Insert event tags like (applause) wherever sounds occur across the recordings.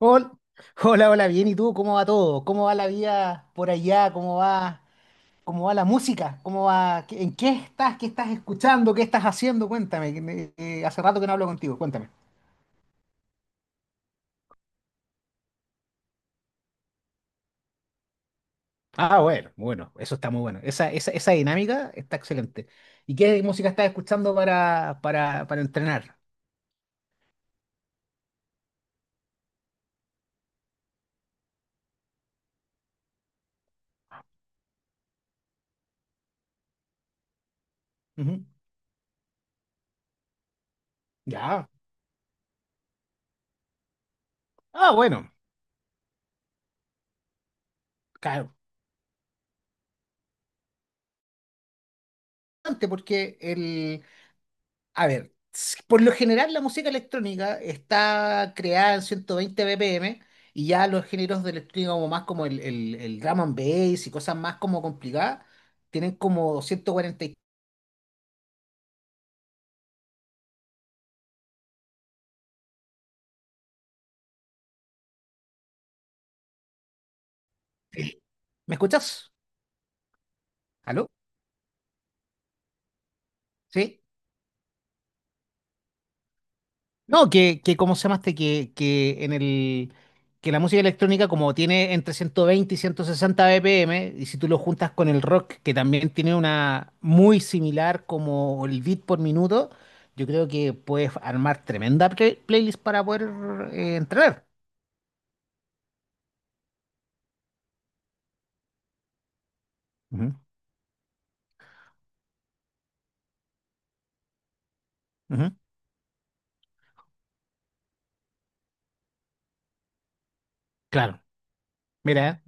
Hol- Hola, hola, bien. ¿Y tú? ¿Cómo va todo? ¿Cómo va la vida por allá? ¿Cómo va la música? ¿Cómo va? ¿En qué estás? ¿Qué estás escuchando? ¿Qué estás haciendo? Cuéntame. Hace rato que no hablo contigo. Cuéntame. Ah, bueno, bueno, eso está muy bueno. Esa dinámica está excelente. ¿Y qué música estás escuchando para entrenar? Ujú. Ya. Ah, bueno, claro. Importante. A ver, por lo general la música electrónica está creada en 120 BPM, y ya los géneros de electrónica como más como el drum and bass y cosas más como complicadas tienen como 143. ¿Me escuchas? ¿Aló? ¿Sí? No, que ¿cómo se llamaste? Que en el que la música electrónica como tiene entre 120 y 160 BPM, y si tú lo juntas con el rock, que también tiene una muy similar como el beat por minuto, yo creo que puedes armar tremenda playlist para poder entrenar. Ujú, ujú. Claro, mira. ¿Eh?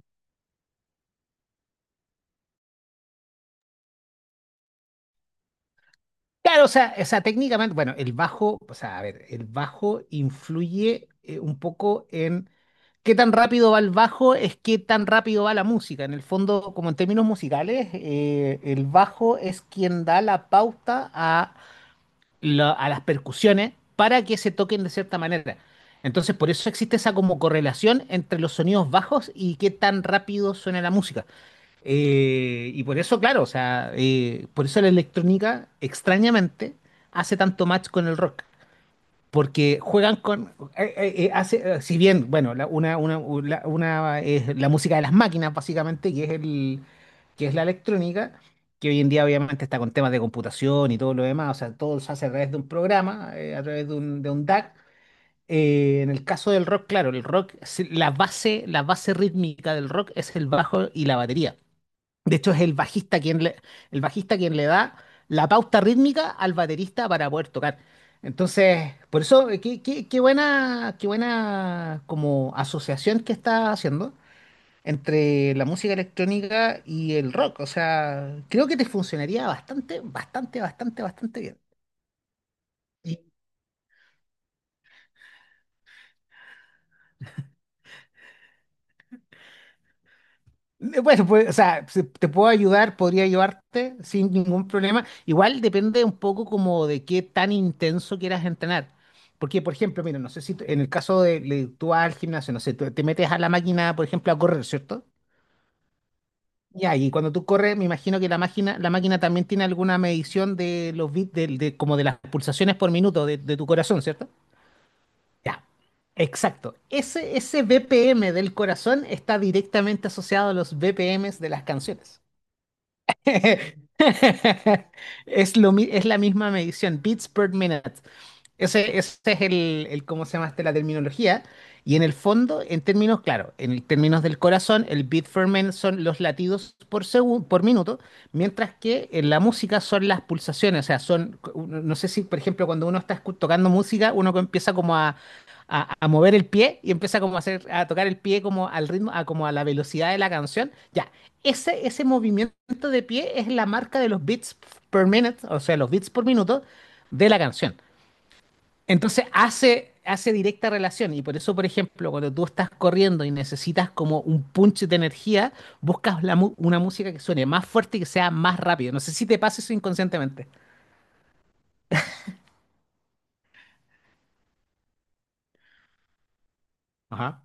Claro, o sea, técnicamente, bueno, el bajo, o sea, a ver, el bajo influye un poco en qué tan rápido va el bajo, es qué tan rápido va la música. En el fondo, como en términos musicales, el bajo es quien da la pauta a las percusiones para que se toquen de cierta manera. Entonces, por eso existe esa como correlación entre los sonidos bajos y qué tan rápido suena la música. Y por eso, claro, o sea, por eso la electrónica, extrañamente, hace tanto match con el rock, porque juegan con, si bien, bueno, la, una es la música de las máquinas, básicamente, que es la electrónica, que hoy en día obviamente está con temas de computación y todo lo demás, o sea, todo se hace a través de un programa, a través de un DAC. En el caso del rock, claro, el rock, la base rítmica del rock es el bajo y la batería. De hecho, es el bajista quien le da la pauta rítmica al baterista para poder tocar. Entonces, por eso, qué buena como asociación que está haciendo entre la música electrónica y el rock. O sea, creo que te funcionaría bastante, bastante, bastante, bastante bien. Bueno, pues, o sea, si te puedo ayudar, podría ayudarte sin ningún problema. Igual depende un poco como de qué tan intenso quieras entrenar. Porque, por ejemplo, mira, no sé si en el caso tú vas al gimnasio, no sé, tú te metes a la máquina, por ejemplo, a correr, ¿cierto? Ya, y cuando tú corres, me imagino que la máquina también tiene alguna medición de los bits, como de las pulsaciones por minuto de tu corazón, ¿cierto? Ya, exacto. Ese BPM del corazón está directamente asociado a los BPMs de las canciones. (laughs) Es la misma medición, beats per minute. Ese es ¿cómo se llama este? La terminología. Y en el fondo, en términos, claro, en términos del corazón, el beat per minute son los latidos por segundo, por minuto, mientras que en la música son las pulsaciones. O sea, no sé si, por ejemplo, cuando uno está tocando música, uno empieza como a mover el pie y empieza como a hacer, a tocar el pie como al ritmo, a, como a la velocidad de la canción. Ya, ese movimiento de pie es la marca de los beats per minute, o sea, los beats por minuto de la canción. Entonces hace directa relación y por eso, por ejemplo, cuando tú estás corriendo y necesitas como un punch de energía, buscas una música que suene más fuerte y que sea más rápido. No sé si te pasa eso inconscientemente. Ajá.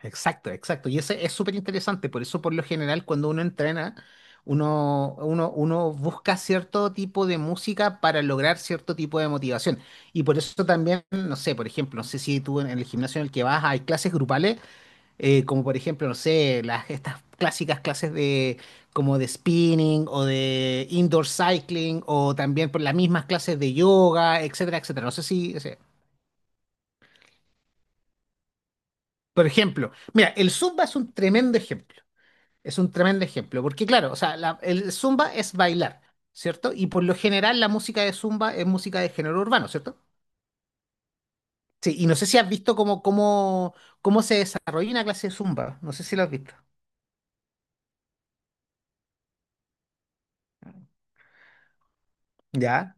Exacto, exacto. Y ese es súper interesante. Por eso, por lo general, cuando uno entrena, uno busca cierto tipo de música para lograr cierto tipo de motivación. Y por eso también, no sé, por ejemplo, no sé si tú en el gimnasio en el que vas hay clases grupales, como por ejemplo, no sé, estas clásicas clases de, como de spinning o de indoor cycling, o también por las mismas clases de yoga, etcétera, etcétera. No sé si, o sea, por ejemplo, mira, el Zumba es un tremendo ejemplo. Es un tremendo ejemplo, porque claro, o sea, el zumba es bailar, ¿cierto? Y por lo general la música de zumba es música de género urbano, ¿cierto? Sí, y no sé si has visto cómo se desarrolla una clase de zumba, no sé si lo has visto. Ya,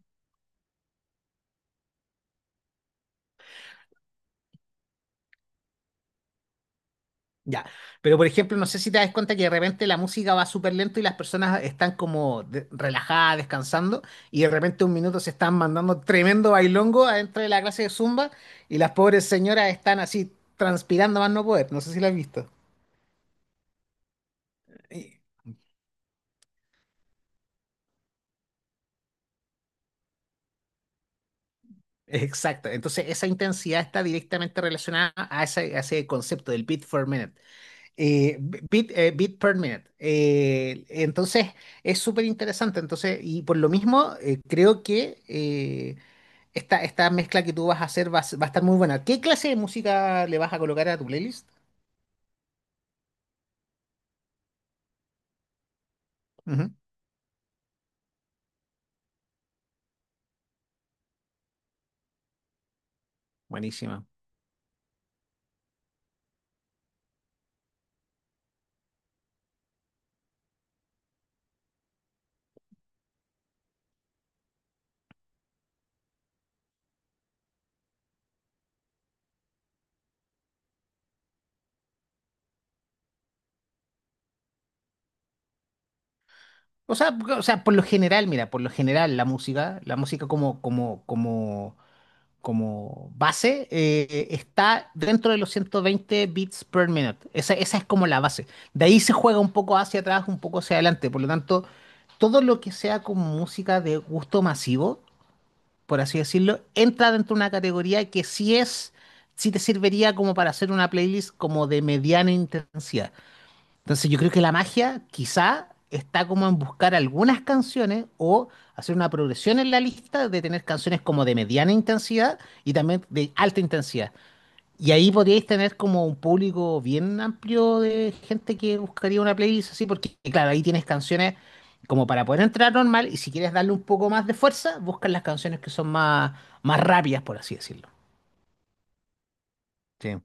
ya. Pero por ejemplo, no sé si te das cuenta que de repente la música va súper lento y las personas están como relajadas, descansando, y de repente, un minuto, se están mandando tremendo bailongo adentro de la clase de zumba y las pobres señoras están así transpirando más no poder, no sé si lo has visto. Exacto. Entonces, esa intensidad está directamente relacionada a ese concepto del beat per minute. Beat per minute. Entonces, es súper interesante. Entonces, y por lo mismo, creo que esta mezcla que tú vas a hacer va a estar muy buena. ¿Qué clase de música le vas a colocar a tu playlist? Ujú. Buenísima. O sea, por lo general, mira, por lo general, la música como base está dentro de los 120 bits per minute. Esa es como la base. De ahí se juega un poco hacia atrás, un poco hacia adelante. Por lo tanto, todo lo que sea como música de gusto masivo, por así decirlo, entra dentro de una categoría que sí te serviría como para hacer una playlist como de mediana intensidad. Entonces, yo creo que la magia quizá está como en buscar algunas canciones o hacer una progresión en la lista, de tener canciones como de mediana intensidad y también de alta intensidad. Y ahí podríais tener como un público bien amplio de gente que buscaría una playlist así, porque claro, ahí tienes canciones como para poder entrar normal, y si quieres darle un poco más de fuerza, buscas las canciones que son más, más rápidas, por así decirlo. Sí.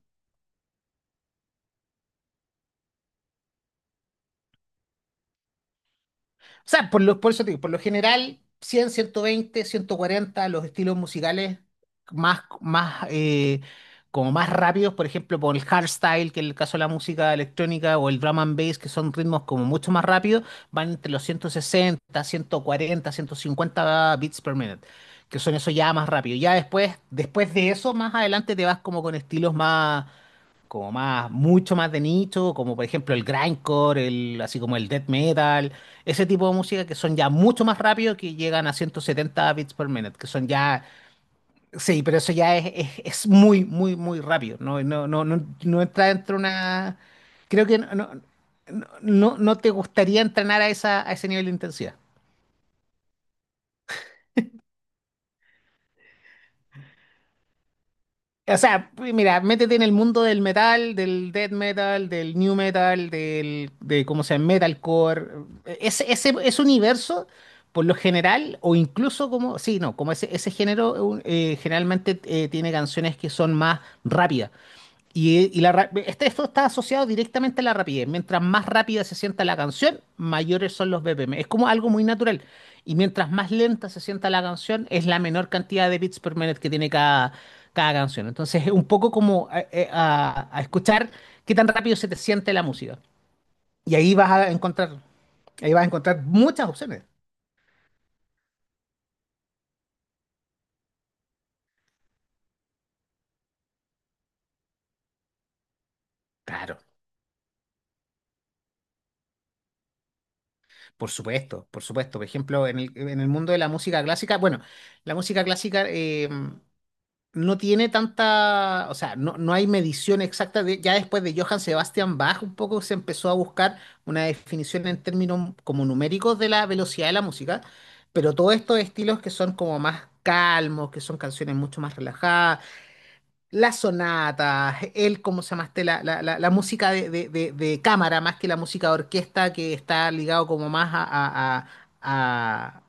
O sea, por eso te digo, por lo general, 100, 120, 140, los estilos musicales más, más, eh, como más rápidos, por ejemplo, por el hardstyle, que en el caso de la música electrónica, o el drum and bass, que son ritmos como mucho más rápidos, van entre los 160, 140, 150 beats per minute, que son esos ya más rápidos. Ya después, después de eso, más adelante te vas como con estilos más, mucho más de nicho, como por ejemplo el grindcore, el, así como el death metal, ese tipo de música que son ya mucho más rápido, que llegan a 170 bits por minute, que son ya, sí, pero eso ya es muy, muy, muy rápido, no, no, no, no, no entra dentro de una, creo que no, no, no, no te gustaría entrenar a esa, a ese nivel de intensidad. O sea, mira, métete en el mundo del metal, del death metal, del new metal, del, de cómo se llama, metalcore. Ese universo, por lo general, o incluso como, sí, no, como ese género generalmente tiene canciones que son más rápidas. Y esto está asociado directamente a la rapidez. Mientras más rápida se sienta la canción, mayores son los BPM. Es como algo muy natural. Y mientras más lenta se sienta la canción, es la menor cantidad de beats per minute que tiene cada canción. Entonces, es un poco como a escuchar qué tan rápido se te siente la música. Y ahí vas a encontrar muchas opciones. Claro, por supuesto, por supuesto. Por ejemplo, en el mundo de la música clásica, bueno, la música clásica, no tiene tanta, o sea, no hay medición exacta. Ya después de Johann Sebastian Bach, un poco se empezó a buscar una definición en términos como numéricos de la velocidad de la música, pero todos estos estilos que son como más calmos, que son canciones mucho más relajadas, las sonatas, ¿cómo se llama este? La música de cámara, más que la música de orquesta, que está ligado como más a, a-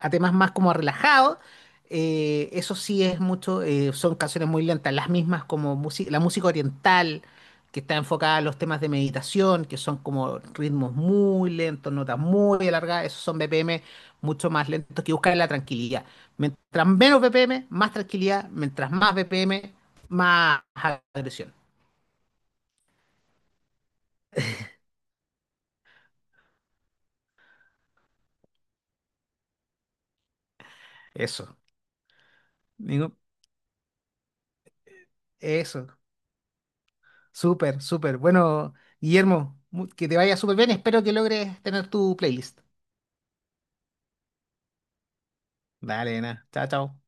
a temas más como relajados. Eso sí es mucho, son canciones muy lentas, las mismas como música, la música oriental, que está enfocada a los temas de meditación, que son como ritmos muy lentos, notas muy alargadas, esos son BPM mucho más lentos que buscan la tranquilidad. Mientras menos BPM, más tranquilidad, mientras más BPM, más agresión. Eso, digo, eso, súper, súper. Bueno, Guillermo, que te vaya súper bien, espero que logres tener tu playlist. Dale, nena. Chao, chao.